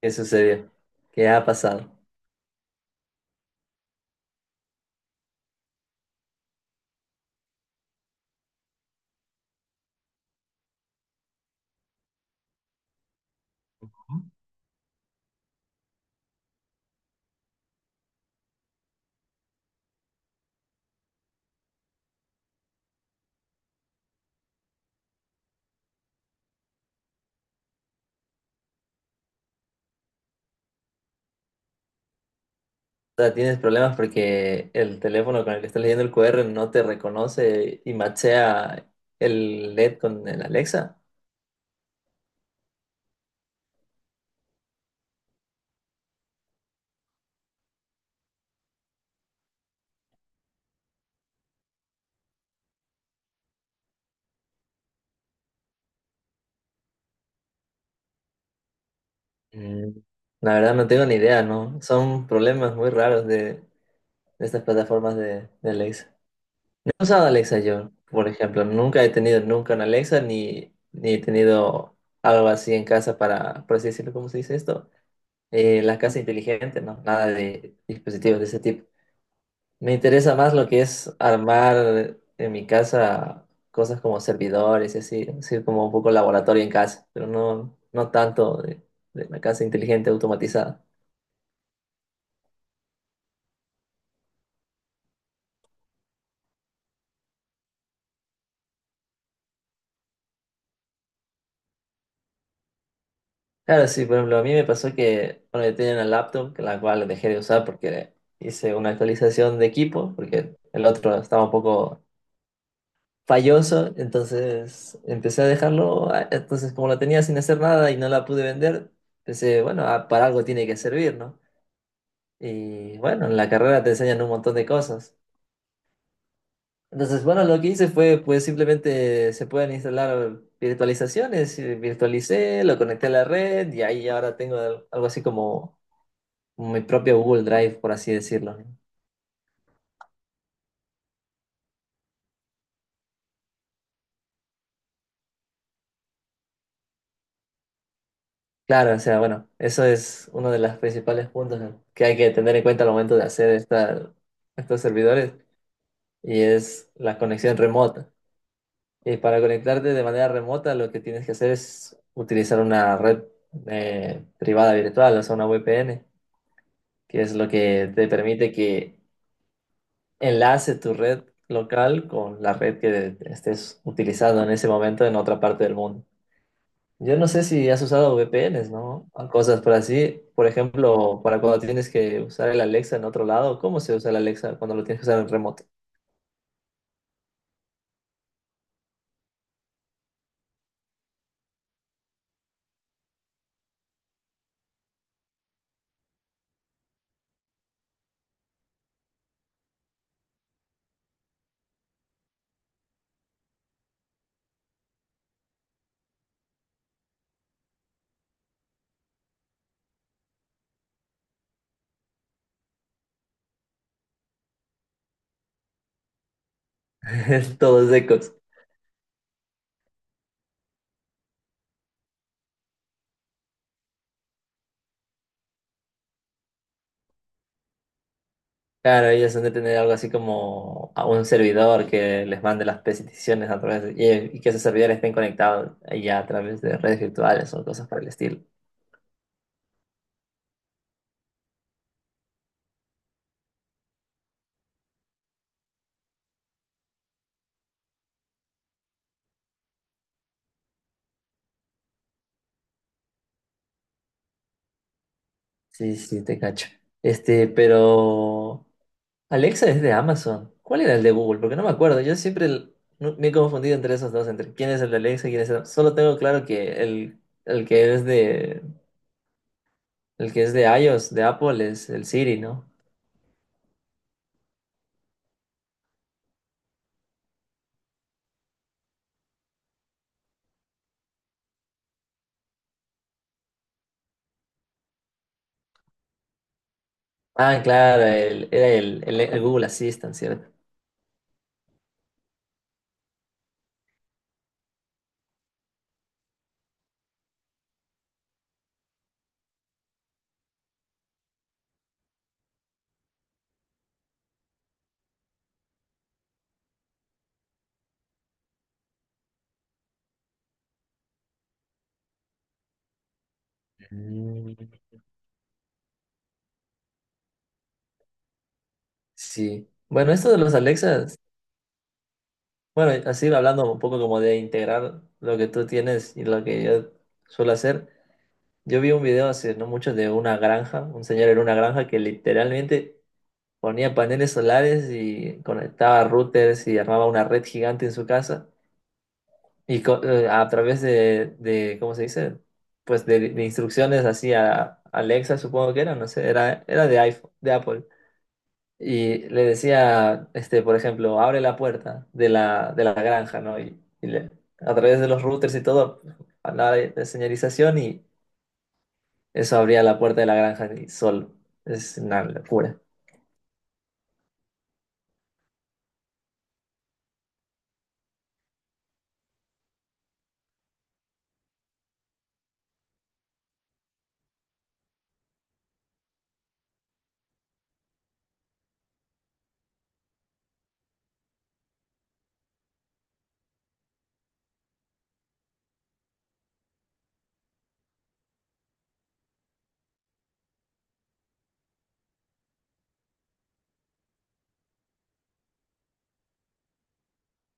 ¿Qué sucedió? ¿Qué ha pasado? O sea, tienes problemas porque el teléfono con el que estás leyendo el QR no te reconoce y machea el LED con el Alexa. Mm, La verdad no tengo ni idea, ¿no? Son problemas muy raros de estas plataformas de Alexa. No he usado Alexa yo, por ejemplo. Nunca he tenido nunca una Alexa ni, ni he tenido algo así en casa para, por así decirlo, ¿cómo se dice esto? La casa inteligente, ¿no? Nada de dispositivos de ese tipo. Me interesa más lo que es armar en mi casa cosas como servidores y así, así como un poco laboratorio en casa, pero no, no tanto de la casa inteligente automatizada. Claro, sí, por ejemplo, a mí me pasó que, bueno, yo tenía una laptop, que la cual dejé de usar porque hice una actualización de equipo, porque el otro estaba un poco falloso, entonces empecé a dejarlo, ah, entonces como la tenía sin hacer nada y no la pude vender, pensé, bueno, ah, para algo tiene que servir, ¿no? Y bueno, en la carrera te enseñan un montón de cosas. Entonces, bueno, lo que hice fue, pues simplemente se pueden instalar virtualizaciones, y virtualicé, lo conecté a la red y ahí ahora tengo algo así como mi propio Google Drive, por así decirlo, ¿no? Claro, o sea, bueno, eso es uno de los principales puntos, ¿no?, que hay que tener en cuenta al momento de hacer estos servidores y es la conexión remota. Y para conectarte de manera remota, lo que tienes que hacer es utilizar una red, privada virtual, o sea, una VPN, que es lo que te permite que enlace tu red local con la red que estés utilizando en ese momento en otra parte del mundo. Yo no sé si has usado VPNs, ¿no? O cosas por así. Por ejemplo, para cuando tienes que usar el Alexa en otro lado, ¿cómo se usa el Alexa cuando lo tienes que usar en remoto? Todo es eco. Claro, ellos han de tener algo así como a un servidor que les mande las peticiones a través de, y que esos servidores estén conectados ya a través de redes virtuales o cosas por el estilo. Sí, sí, te cacho. Este, pero Alexa es de Amazon. ¿Cuál era el de Google? Porque no me acuerdo. Yo siempre el- no- me he confundido entre esos dos, entre quién es el de Alexa y quién es el... Solo tengo claro que el que es de, el que es de iOS, de Apple, es el Siri, ¿no? Ah, claro, el, era el Google Assistant, ¿cierto? Mm, Sí. Bueno, esto de los Alexas, bueno, así hablando un poco como de integrar lo que tú tienes y lo que yo suelo hacer, yo vi un video hace no mucho de una granja, un señor en una granja que literalmente ponía paneles solares y conectaba routers y armaba una red gigante en su casa. Y a través ¿cómo se dice? Pues de instrucciones así a Alexa, supongo que era, no sé, era de iPhone, de Apple. Y le decía, este, por ejemplo, abre la puerta de la granja, ¿no? Y le- a través de los routers y todo, hablaba de señalización y eso abría la puerta de la granja y solo. Es una locura.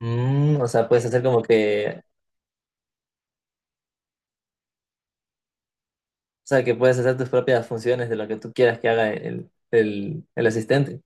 Mm, o sea, puedes hacer como que, o sea, que puedes hacer tus propias funciones de lo que tú quieras que haga el asistente.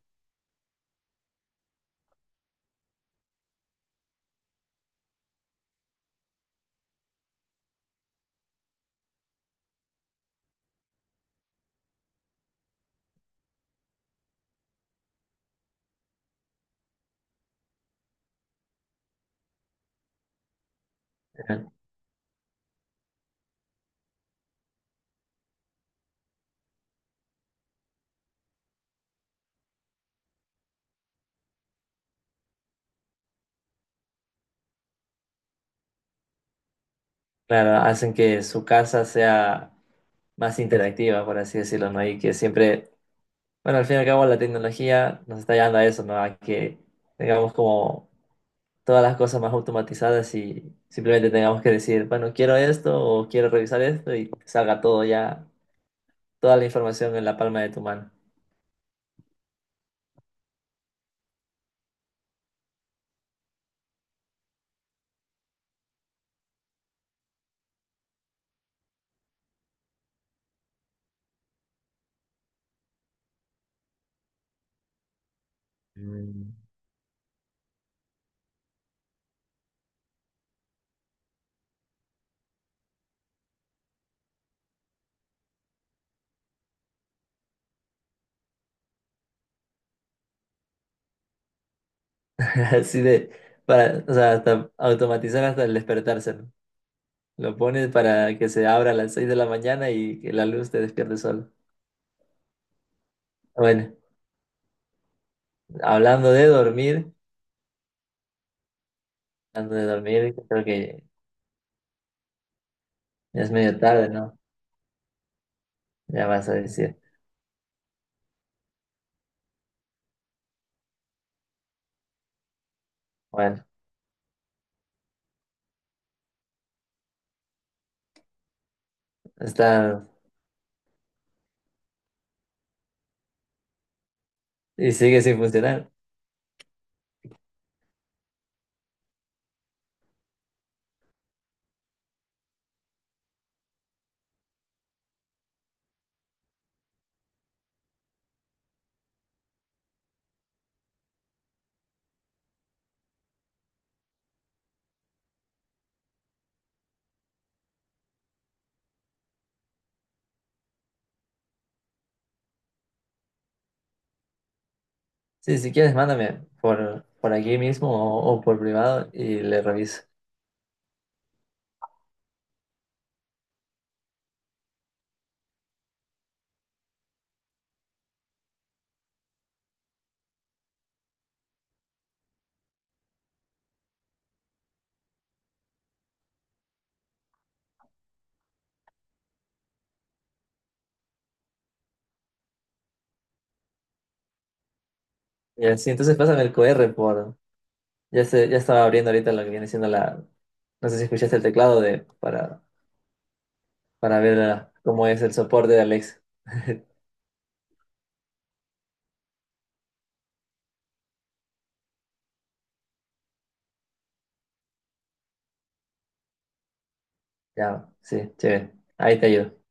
Claro, hacen que su casa sea más interactiva, por así decirlo, ¿no? Y que siempre, bueno, al fin y al cabo la tecnología nos está llevando a eso, ¿no? A que tengamos como todas las cosas más automatizadas y simplemente tengamos que decir, bueno, quiero esto o quiero revisar esto y te salga todo ya, toda la información en la palma de tu mano. Mm. Así de, para, o sea, hasta automatizar hasta el despertarse, ¿no? Lo pones para que se abra a las 6 de la mañana y que la luz te despierte solo. Bueno. Hablando de dormir, hablando de dormir, creo que ya es medio tarde, ¿no? Ya vas a decir. Bueno, está y sigue sin funcionar. Sí, si quieres, mándame por aquí mismo o por privado y le reviso. Y así, entonces pásame el QR por. Ya, se, ya estaba abriendo ahorita lo que viene siendo la. No sé si escuchaste el teclado de para ver ah, cómo es el soporte de Alex. Ya, sí, chévere. Ahí te ayudo.